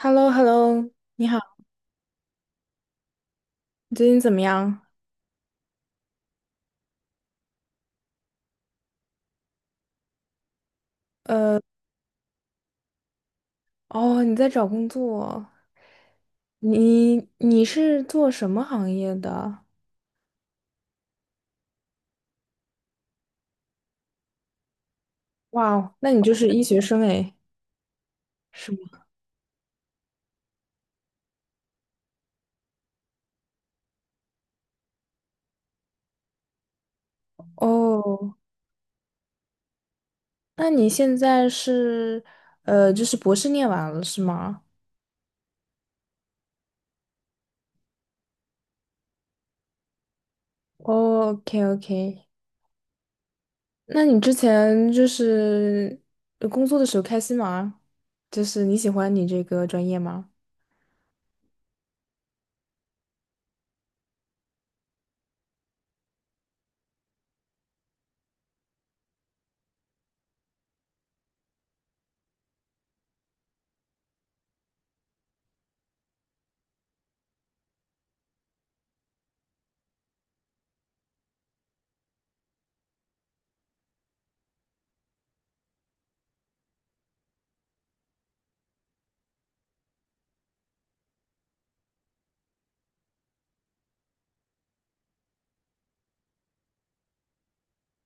h e l l o h e l l o 你好，你最近怎么样？哦，你在找工作，你是做什么行业的？哇哦，那你就是医学生诶，是吗？哦，那你现在是就是博士念完了是吗？哦，OK OK，那你之前就是工作的时候开心吗？就是你喜欢你这个专业吗？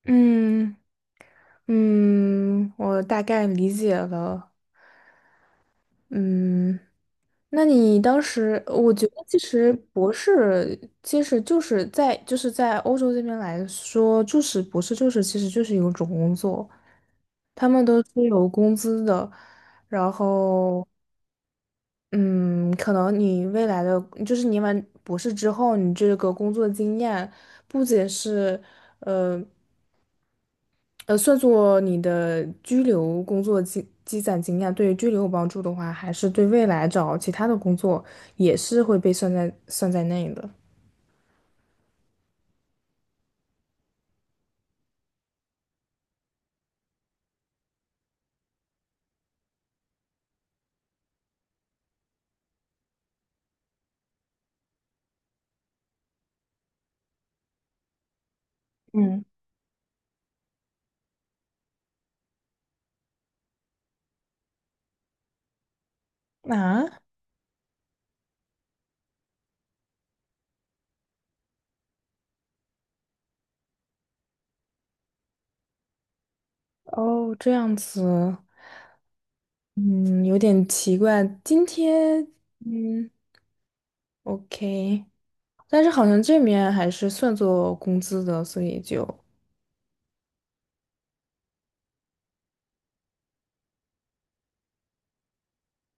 嗯嗯，我大概理解了。嗯，那你当时，我觉得其实博士其实就是在欧洲这边来说，就是博士就是其实就是有一个种工作，他们都是有工资的，然后嗯，可能你未来的就是你完博士之后，你这个工作经验不仅是。呃。算作你的居留工作积攒经验，对于居留有帮助的话，还是对未来找其他的工作也是会被算在内的。嗯。啊。哦，这样子。嗯，有点奇怪。今天，嗯，OK，但是好像这面还是算作工资的，所以就，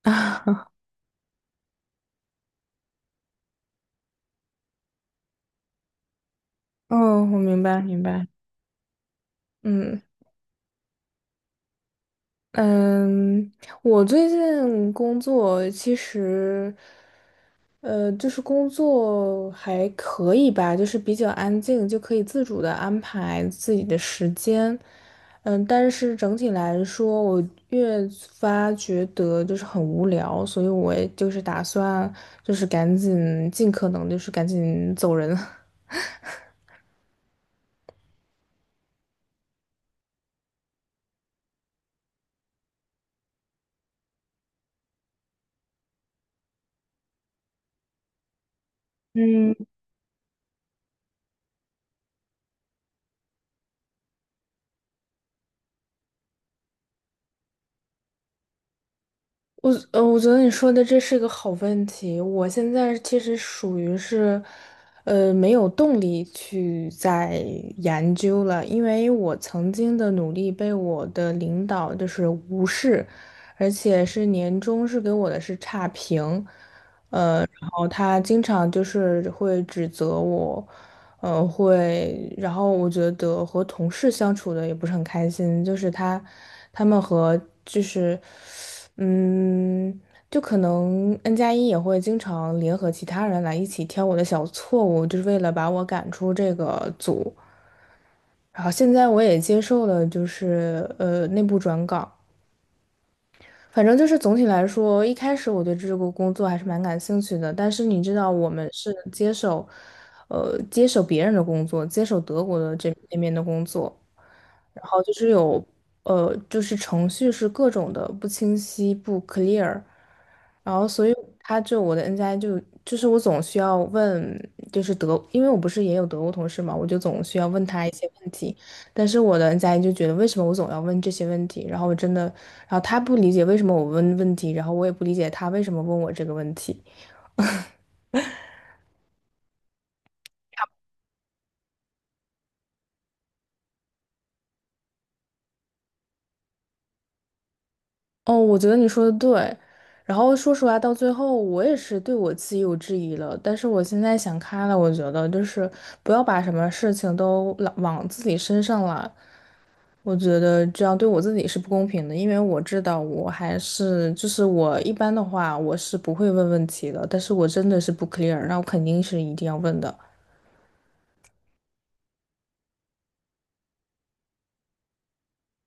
啊，哦，我明白，明白。嗯嗯，我最近工作其实。就是工作还可以吧，就是比较安静，就可以自主的安排自己的时间。嗯，但是整体来说，我越发觉得就是很无聊，所以我也就是打算就是赶紧尽可能就是赶紧走人。我我觉得你说的这是个好问题。我现在其实属于是，没有动力去再研究了，因为我曾经的努力被我的领导就是无视，而且是年终是给我的是差评。然后他经常就是会指责我，然后我觉得和同事相处的也不是很开心，就是他，他们和就是，嗯，就可能 N 加一也会经常联合其他人来一起挑我的小错误，就是为了把我赶出这个组。然后现在我也接受了，就是内部转岗。反正就是总体来说，一开始我对这个工作还是蛮感兴趣的，但是你知道，我们是接手，接手别人的工作，接手德国的这那边的工作，然后就是有，就是程序是各种的不清晰、不 clear，然后所以他就我的 N 加 i 就是我总需要问，就是德，因为我不是也有德国同事嘛，我就总需要问他一些问题。但是我的 n 加 i 就觉得为什么我总要问这些问题，然后我真的，然后他不理解为什么我问问题，然后我也不理解他为什么问我这个问题。哦，我觉得你说的对。然后说实话，到最后我也是对我自己有质疑了。但是我现在想开了，我觉得就是不要把什么事情都往自己身上揽。我觉得这样对我自己是不公平的，因为我知道我还是就是我一般的话我是不会问问题的，但是我真的是不 clear，那我肯定是一定要问的。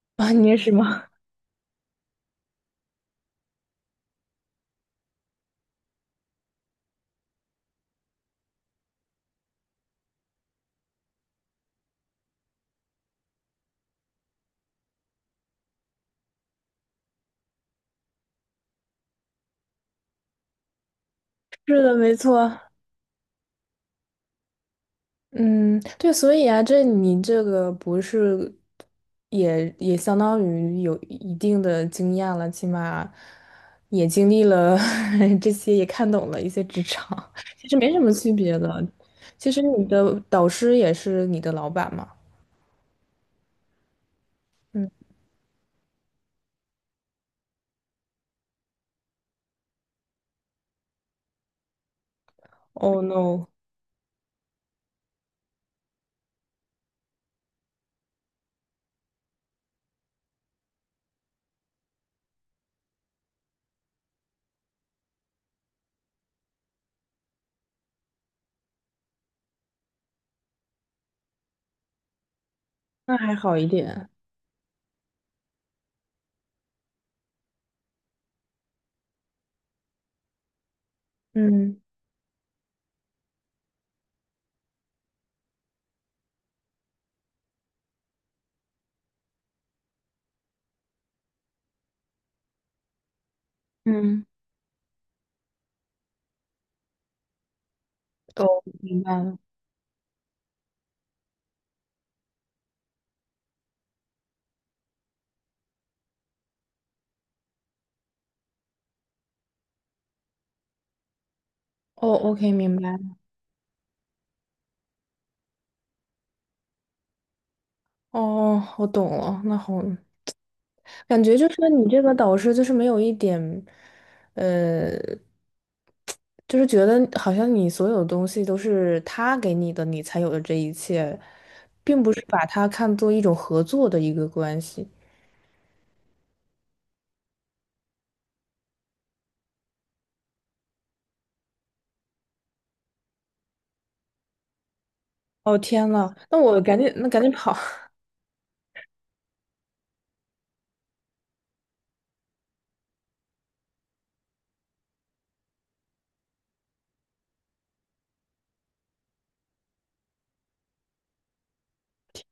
啊，你也是吗？是的，没错。嗯，对，所以啊，这你这个不是也相当于有一定的经验了，起码也经历了 这些，也看懂了一些职场，其实没什么区别的。其实你的导师也是你的老板嘛。嗯，Oh no，那还好一点。嗯嗯，哦，明白了。哦，OK，明白了。哦，我懂了，那好，感觉就是你这个导师就是没有一点，呃，就是觉得好像你所有东西都是他给你的，你才有的这一切，并不是把它看作一种合作的一个关系。哦天呐，那我赶紧，那赶紧跑。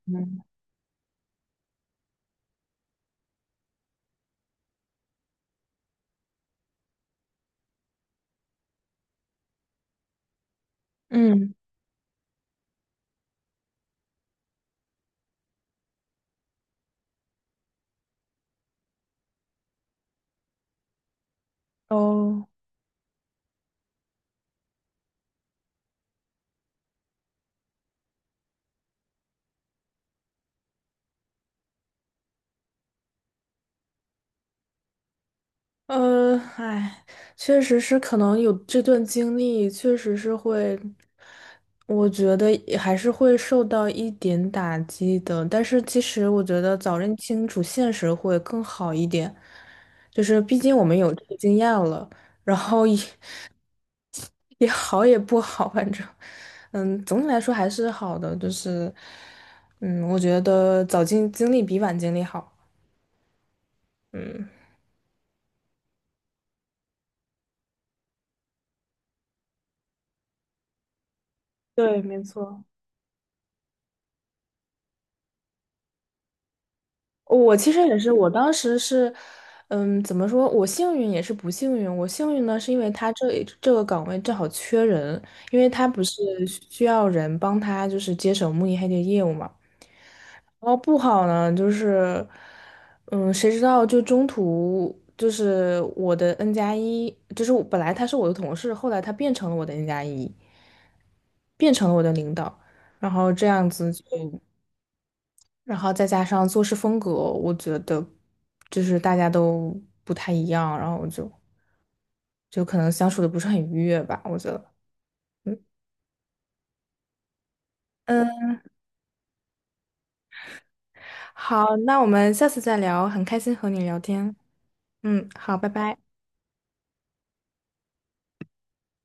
嗯。嗯。哦。哎，确实是，可能有这段经历，确实是会，我觉得也还是会受到一点打击的。但是其实我觉得早认清楚现实会更好一点，就是毕竟我们有这个经验了，然后也 也好也不好，反正，嗯，总体来说还是好的，就是，嗯，我觉得早经历比晚经历好。嗯。对，没错。我其实也是，我当时是，嗯，怎么说？我幸运也是不幸运。我幸运呢，是因为他这个岗位正好缺人，因为他不是需要人帮他就是接手慕尼黑的业务嘛。然后不好呢，就是，嗯，谁知道就中途就是我的 N 加一，就是我本来他是我的同事，后来他变成了我的 N 加一，变成了我的领导，然后这样子就。然后再加上做事风格，我觉得就是大家都不太一样，然后我就可能相处的不是很愉悦吧，我觉得。嗯嗯，好，那我们下次再聊，很开心和你聊天。嗯，好，拜拜。